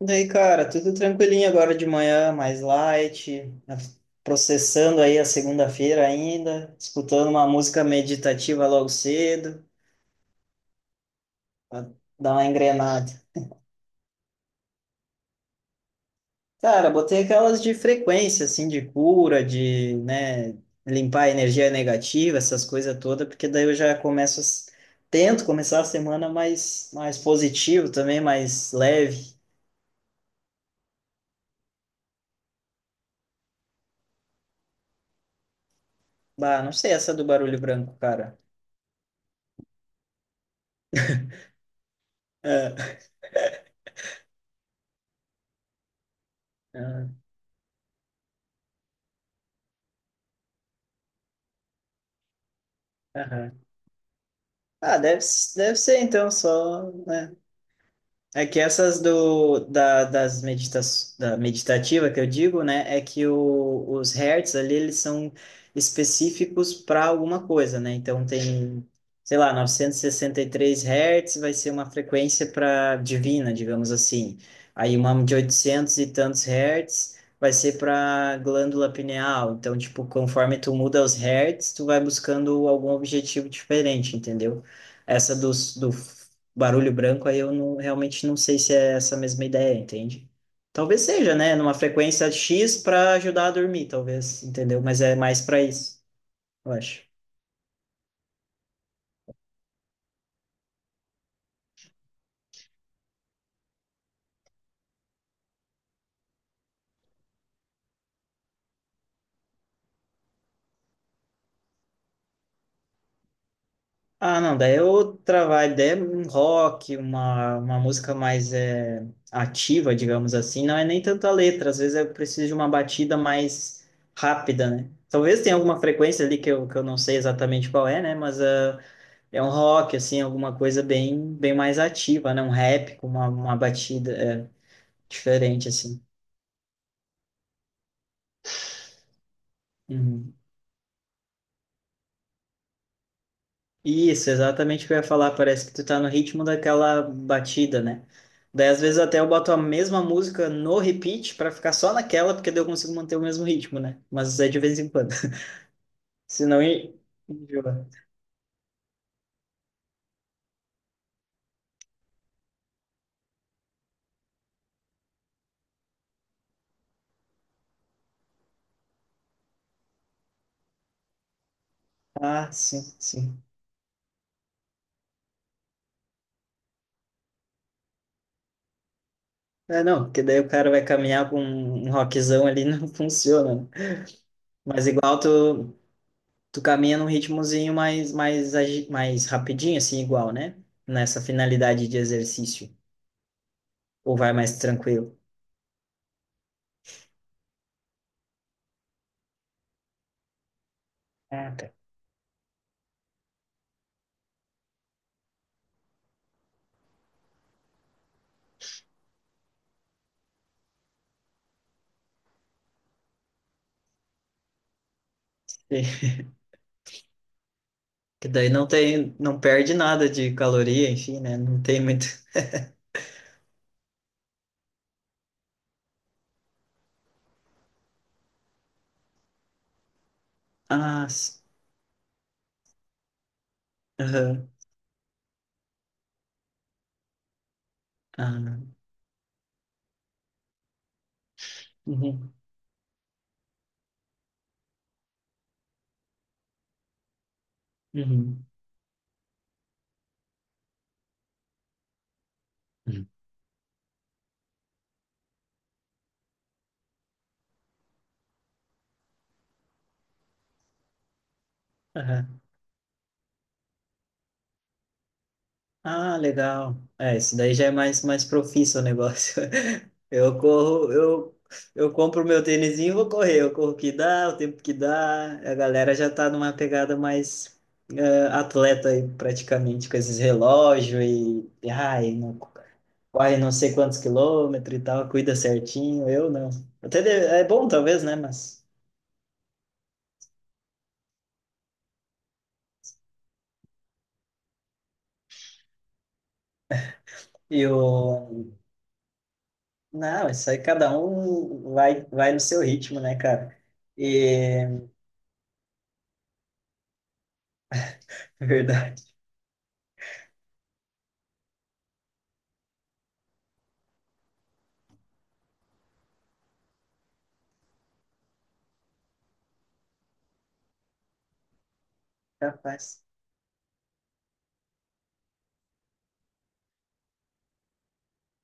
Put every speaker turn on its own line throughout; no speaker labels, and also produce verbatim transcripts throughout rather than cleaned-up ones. Daí, cara, tudo tranquilinho agora de manhã, mais light, né, processando aí a segunda-feira ainda, escutando uma música meditativa logo cedo, pra dar uma engrenada. Cara, botei aquelas de frequência, assim, de cura, de, né, limpar a energia negativa, essas coisas todas, porque daí eu já começo, a s- tento começar a semana mais, mais positivo também, mais leve. Bah, não sei essa do barulho branco, cara. É. Ah, aham. Ah, deve, deve ser então só, né? É que essas do, da, das meditas, da meditativa que eu digo, né, é que o, os hertz ali, eles são específicos para alguma coisa, né? Então tem, sei lá, novecentos e e sessenta e três hertz vai ser uma frequência para divina, digamos assim. Aí uma de oitocentos e tantos hertz vai ser para glândula pineal. Então, tipo, conforme tu muda os hertz, tu vai buscando algum objetivo diferente, entendeu? Essa dos, do barulho branco, aí eu não, realmente não sei se é essa mesma ideia, entende? Talvez seja, né? Numa frequência X para ajudar a dormir, talvez, entendeu? Mas é mais para isso, eu acho. Ah, não, daí é outra vibe, daí é um rock, uma, uma música mais é, ativa, digamos assim, não é nem tanta letra, às vezes eu preciso de uma batida mais rápida, né? Talvez tenha alguma frequência ali que eu, que eu não sei exatamente qual é, né? Mas ah, é um rock, assim, alguma coisa bem, bem mais ativa, né? Um rap com uma, uma batida é, diferente, assim. Uhum. Isso, exatamente o que eu ia falar. Parece que tu tá no ritmo daquela batida, né? Daí, às vezes, até eu boto a mesma música no repeat pra ficar só naquela, porque daí eu consigo manter o mesmo ritmo, né? Mas é de vez em quando. Senão, en- Enjoa. Ah, sim, sim. É, não, porque daí o cara vai caminhar com um rockzão ali, não funciona, né? Mas igual tu, tu caminha num ritmozinho mais, mais, agi- mais rapidinho, assim, igual, né? Nessa finalidade de exercício. Ou vai mais tranquilo? Ah, tá. Que daí não tem, não perde nada de caloria, enfim, né? Não tem muito. Ah, s- aham, ah, uhum, uhum, uhum, aham. Ah, legal. É, isso daí já é mais, mais profício o negócio. Eu corro, eu, eu compro meu tênisinho e vou correr. Eu corro o que dá, o tempo que dá. A galera já tá numa pegada mais eh, atleta aí, praticamente, com esses relógios e, e, ai, não, corre não sei quantos quilômetros e tal, cuida certinho. Eu não. Até de- é bom, talvez, né? Mas. E o. Não, isso aí cada um vai, vai no seu ritmo, né, cara? E. Verdade. Capaz.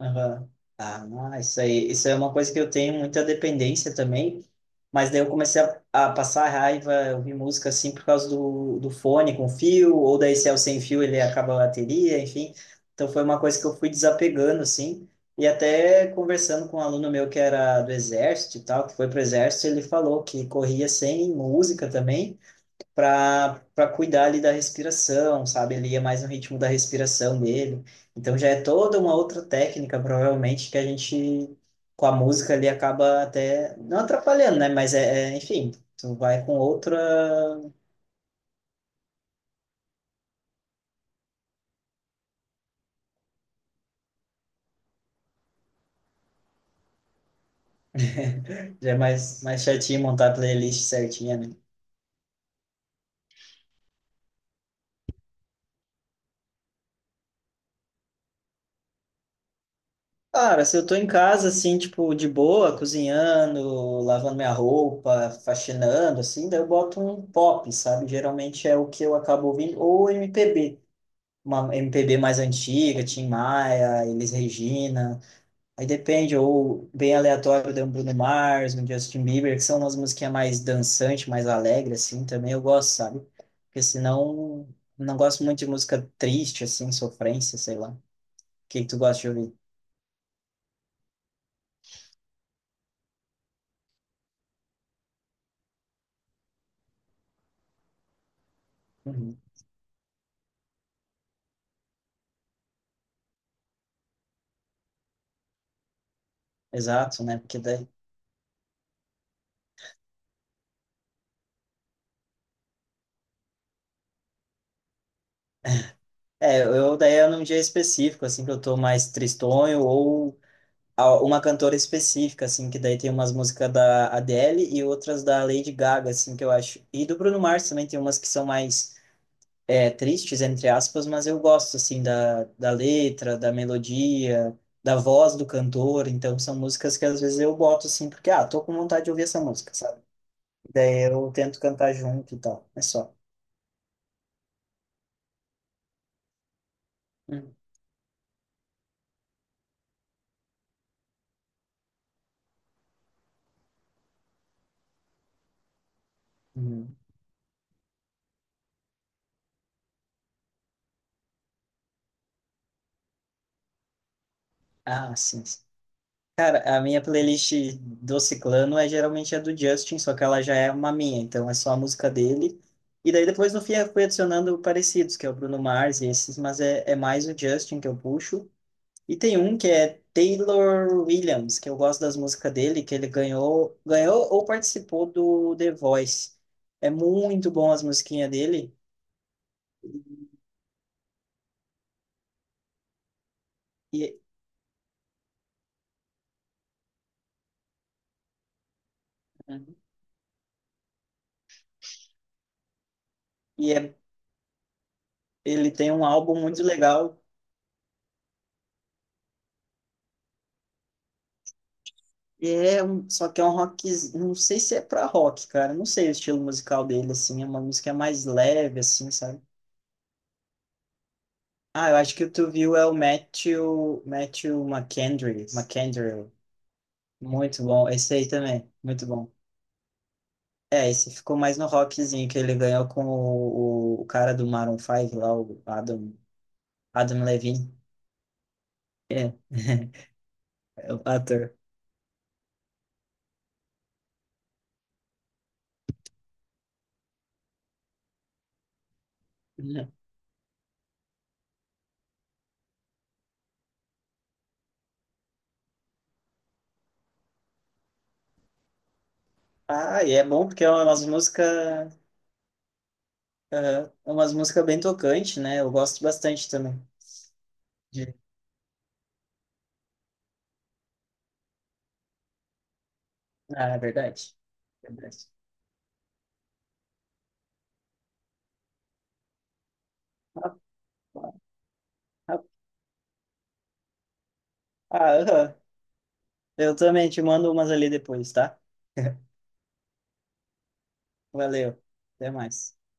Aham. Ah, isso aí, isso é uma coisa que eu tenho muita dependência também, mas daí eu comecei a, a passar raiva, eu ouvir música assim por causa do, do fone com fio, ou daí se é o sem fio ele acaba a bateria, enfim. Então foi uma coisa que eu fui desapegando assim, e até conversando com um aluno meu que era do exército e tal, que foi pro exército, ele falou que corria sem música também, para para cuidar ali da respiração, sabe? Ele ia mais no ritmo da respiração dele. Então já é toda uma outra técnica, provavelmente, que a gente, com a música ali, acaba até não atrapalhando, né? Mas é, é, enfim, tu vai com outra. Já é mais, mais chatinho montar a playlist certinha, né? Cara, se eu tô em casa, assim, tipo, de boa, cozinhando, lavando minha roupa, faxinando, assim, daí eu boto um pop, sabe? Geralmente é o que eu acabo ouvindo, ou M P B uma M P B mais antiga, Tim Maia, Elis Regina, aí depende, ou bem aleatório, tem um Bruno Mars, um Justin Bieber, que são umas musiquinhas mais dançantes, mais alegre, assim, também eu gosto, sabe? Porque senão, não gosto muito de música triste, assim, sofrência, sei lá. O que que tu gosta de ouvir? Uhum. Exato, né? Porque daí... É, eu daí é num dia específico, assim, que eu tô mais tristonho ou a- uma cantora específica, assim, que daí tem umas músicas da Adele e outras da Lady Gaga, assim, que eu acho. E do Bruno Mars também tem umas que são mais é, tristes, entre aspas, mas eu gosto, assim, da, da letra, da melodia, da voz do cantor. Então, são músicas que às vezes eu boto, assim, porque, ah, tô com vontade de ouvir essa música, sabe? Daí eu tento cantar junto e tal, é só. Uhum. Uhum. Ah, sim, cara, a minha playlist do Ciclano é geralmente a do Justin, só que ela já é uma minha, então é só a música dele. E daí depois no fim eu fui adicionando parecidos, que é o Bruno Mars e esses, mas é, é mais o Justin que eu puxo. E tem um que é Taylor Williams, que eu gosto das músicas dele, que ele ganhou, ganhou ou participou do The Voice. É muito bom as musiquinhas dele e, e é, ele tem um álbum muito legal. É, um- só que é um rock, não sei se é pra rock, cara, não sei o estilo musical dele, assim, é uma música mais leve, assim, sabe? Ah, eu acho que tu viu é o Matthew, Matthew McKendry, McKendry, muito bom, esse aí também, muito bom. É, esse ficou mais no rockzinho, que ele ganhou com o, o, o cara do Maroon cinco lá, o Adam, Adam Levine, é, é o ator. Ah, e é bom porque é umas músicas, é umas músicas bem tocante, né? Eu gosto bastante também. De- Ah, é verdade. Verdade. Rapaz, rapaz. Ah, aham. Eu também te mando umas ali depois, tá? Valeu. Até mais.